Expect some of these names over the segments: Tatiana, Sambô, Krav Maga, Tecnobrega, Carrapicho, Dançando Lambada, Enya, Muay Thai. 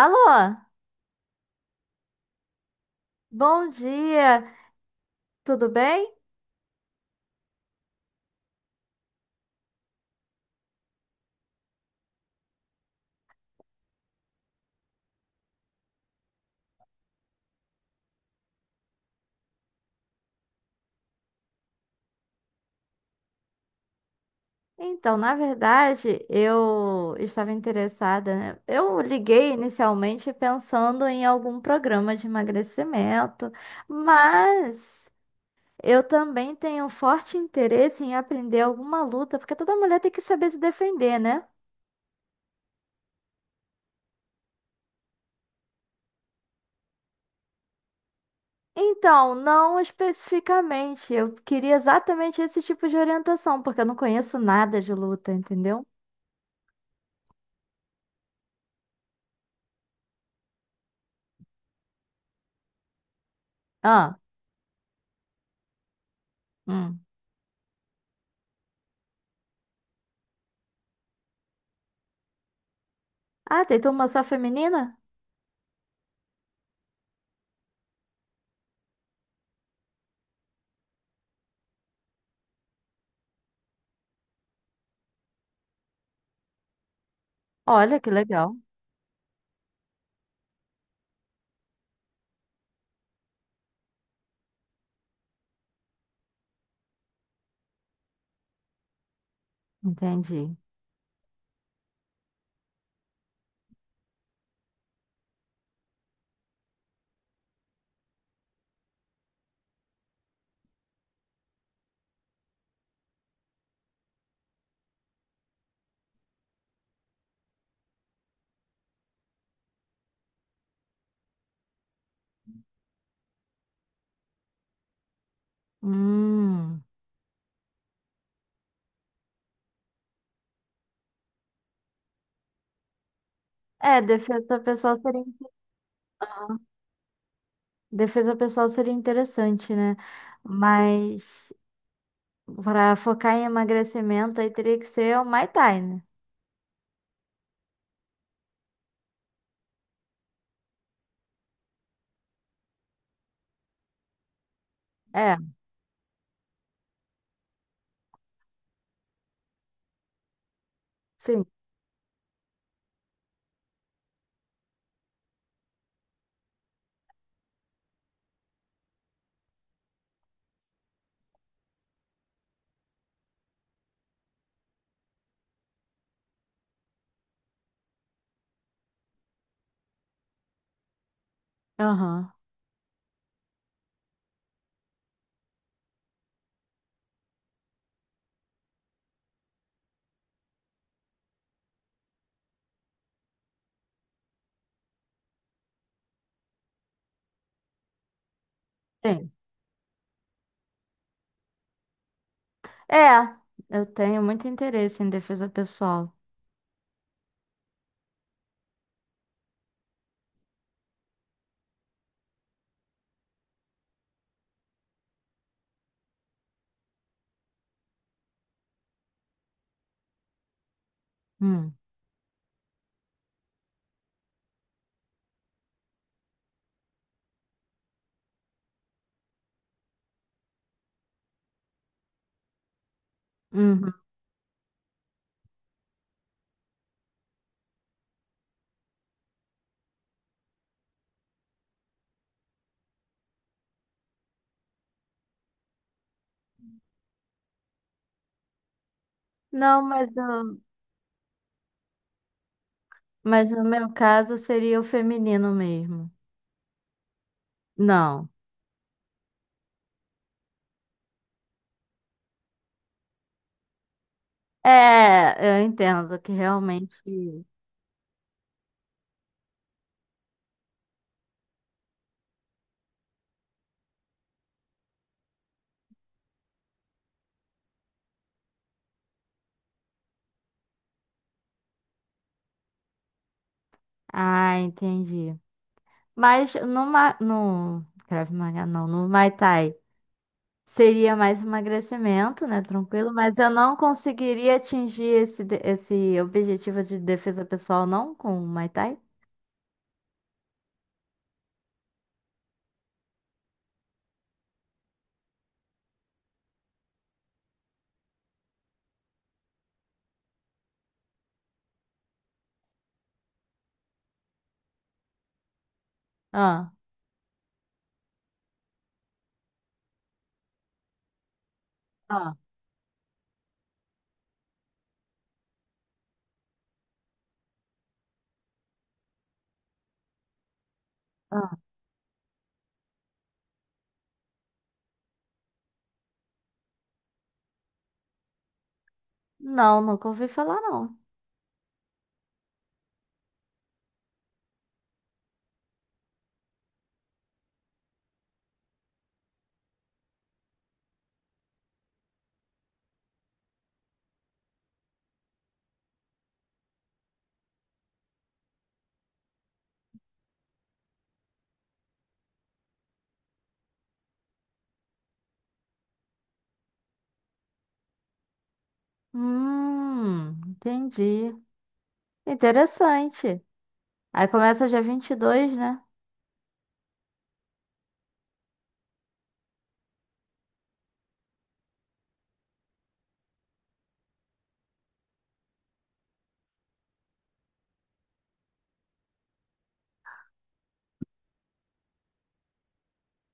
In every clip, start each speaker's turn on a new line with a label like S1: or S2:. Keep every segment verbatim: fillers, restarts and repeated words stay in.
S1: Alô, bom dia, tudo bem? Então, na verdade, eu estava interessada, né? Eu liguei inicialmente pensando em algum programa de emagrecimento, mas eu também tenho forte interesse em aprender alguma luta, porque toda mulher tem que saber se defender, né? Então, não especificamente, eu queria exatamente esse tipo de orientação, porque eu não conheço nada de luta, entendeu? Ah, hum. Ah, tem turma só feminina? Olha que legal. Entendi. Hum. É, defesa pessoal seria, defesa pessoal seria interessante, né? Mas para focar em emagrecimento aí teria que ser o Muay Thai, né? É, sim. Aham. Sim. É, eu tenho muito interesse em defesa pessoal. Hum. Uhum. Não, mas, eu- mas no meu caso seria o feminino mesmo. Não. É, eu entendo que realmente. Ah, entendi. Mas no, ma- no Krav Maga, não, no Muay Thai seria mais emagrecimento, né? Tranquilo, mas eu não conseguiria atingir esse, de- esse objetivo de defesa pessoal, não, com o Muay Thai? Ah, ah, ah. Não, nunca ouvi falar, não. Hum, entendi. Interessante. Aí começa dia vinte e dois, né?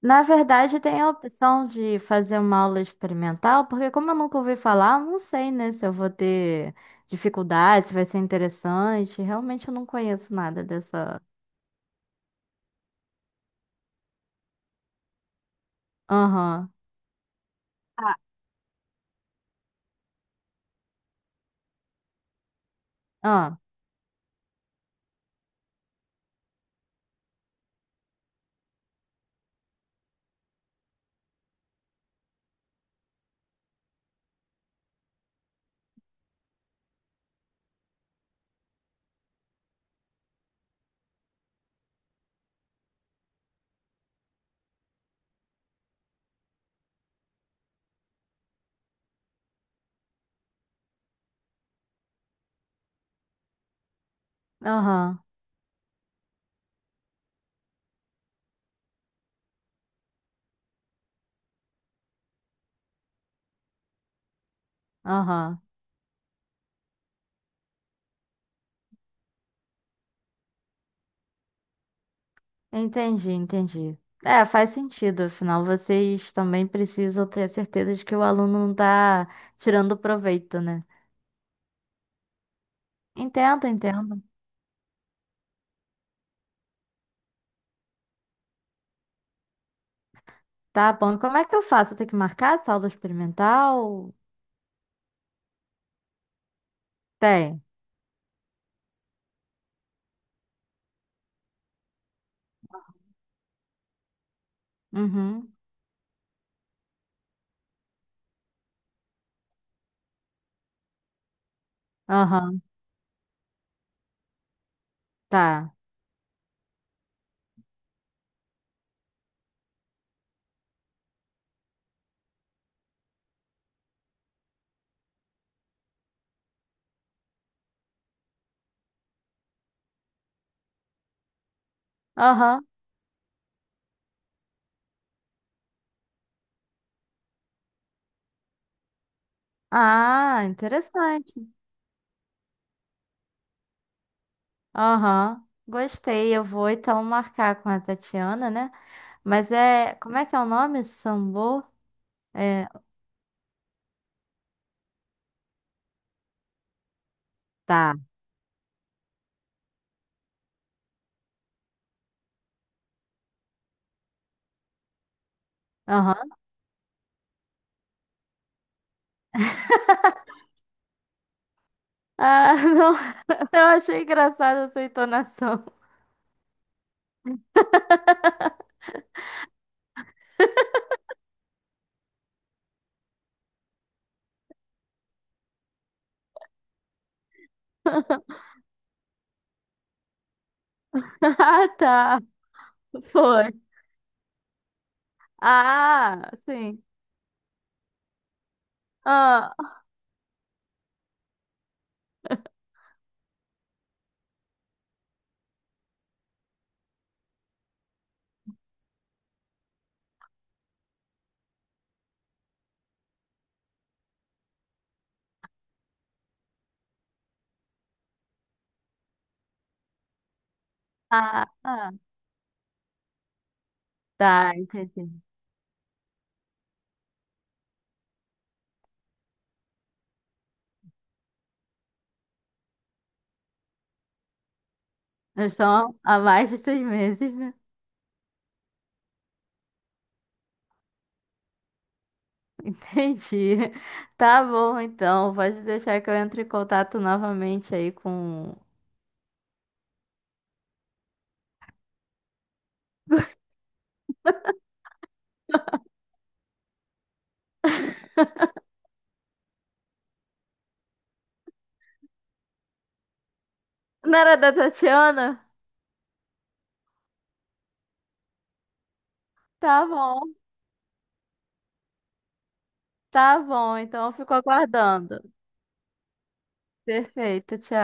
S1: Na verdade, tem a opção de fazer uma aula experimental, porque como eu nunca ouvi falar, eu não sei, né, se eu vou ter dificuldade, se vai ser interessante. Realmente eu não conheço nada dessa. Aham. Ah, ah, aham, aham. Entendi, entendi. É, faz sentido, afinal, vocês também precisam ter certeza de que o aluno não tá tirando proveito, né? Entendo, entendo. Tá bom. E como é que eu faço? Eu tenho que marcar essa aula experimental? Tem. Uhum. Aham. Tá. Aham. Ah, interessante. Aham. Gostei. Eu vou então marcar com a Tatiana, né? Mas é. Como é que é o nome? Sambô? É. Tá. Aham. Ah, não. Eu achei engraçada a sua entonação. Ah, tá. Foi. Ah, sim. Ah, ah, ah. Tá, entendi. Nós estamos há mais de seis meses, né? Entendi. Tá bom, então. Pode deixar que eu entre em contato novamente aí com. Não era da Tatiana? Tá bom, tá bom. Então eu fico aguardando. Perfeito, tchau.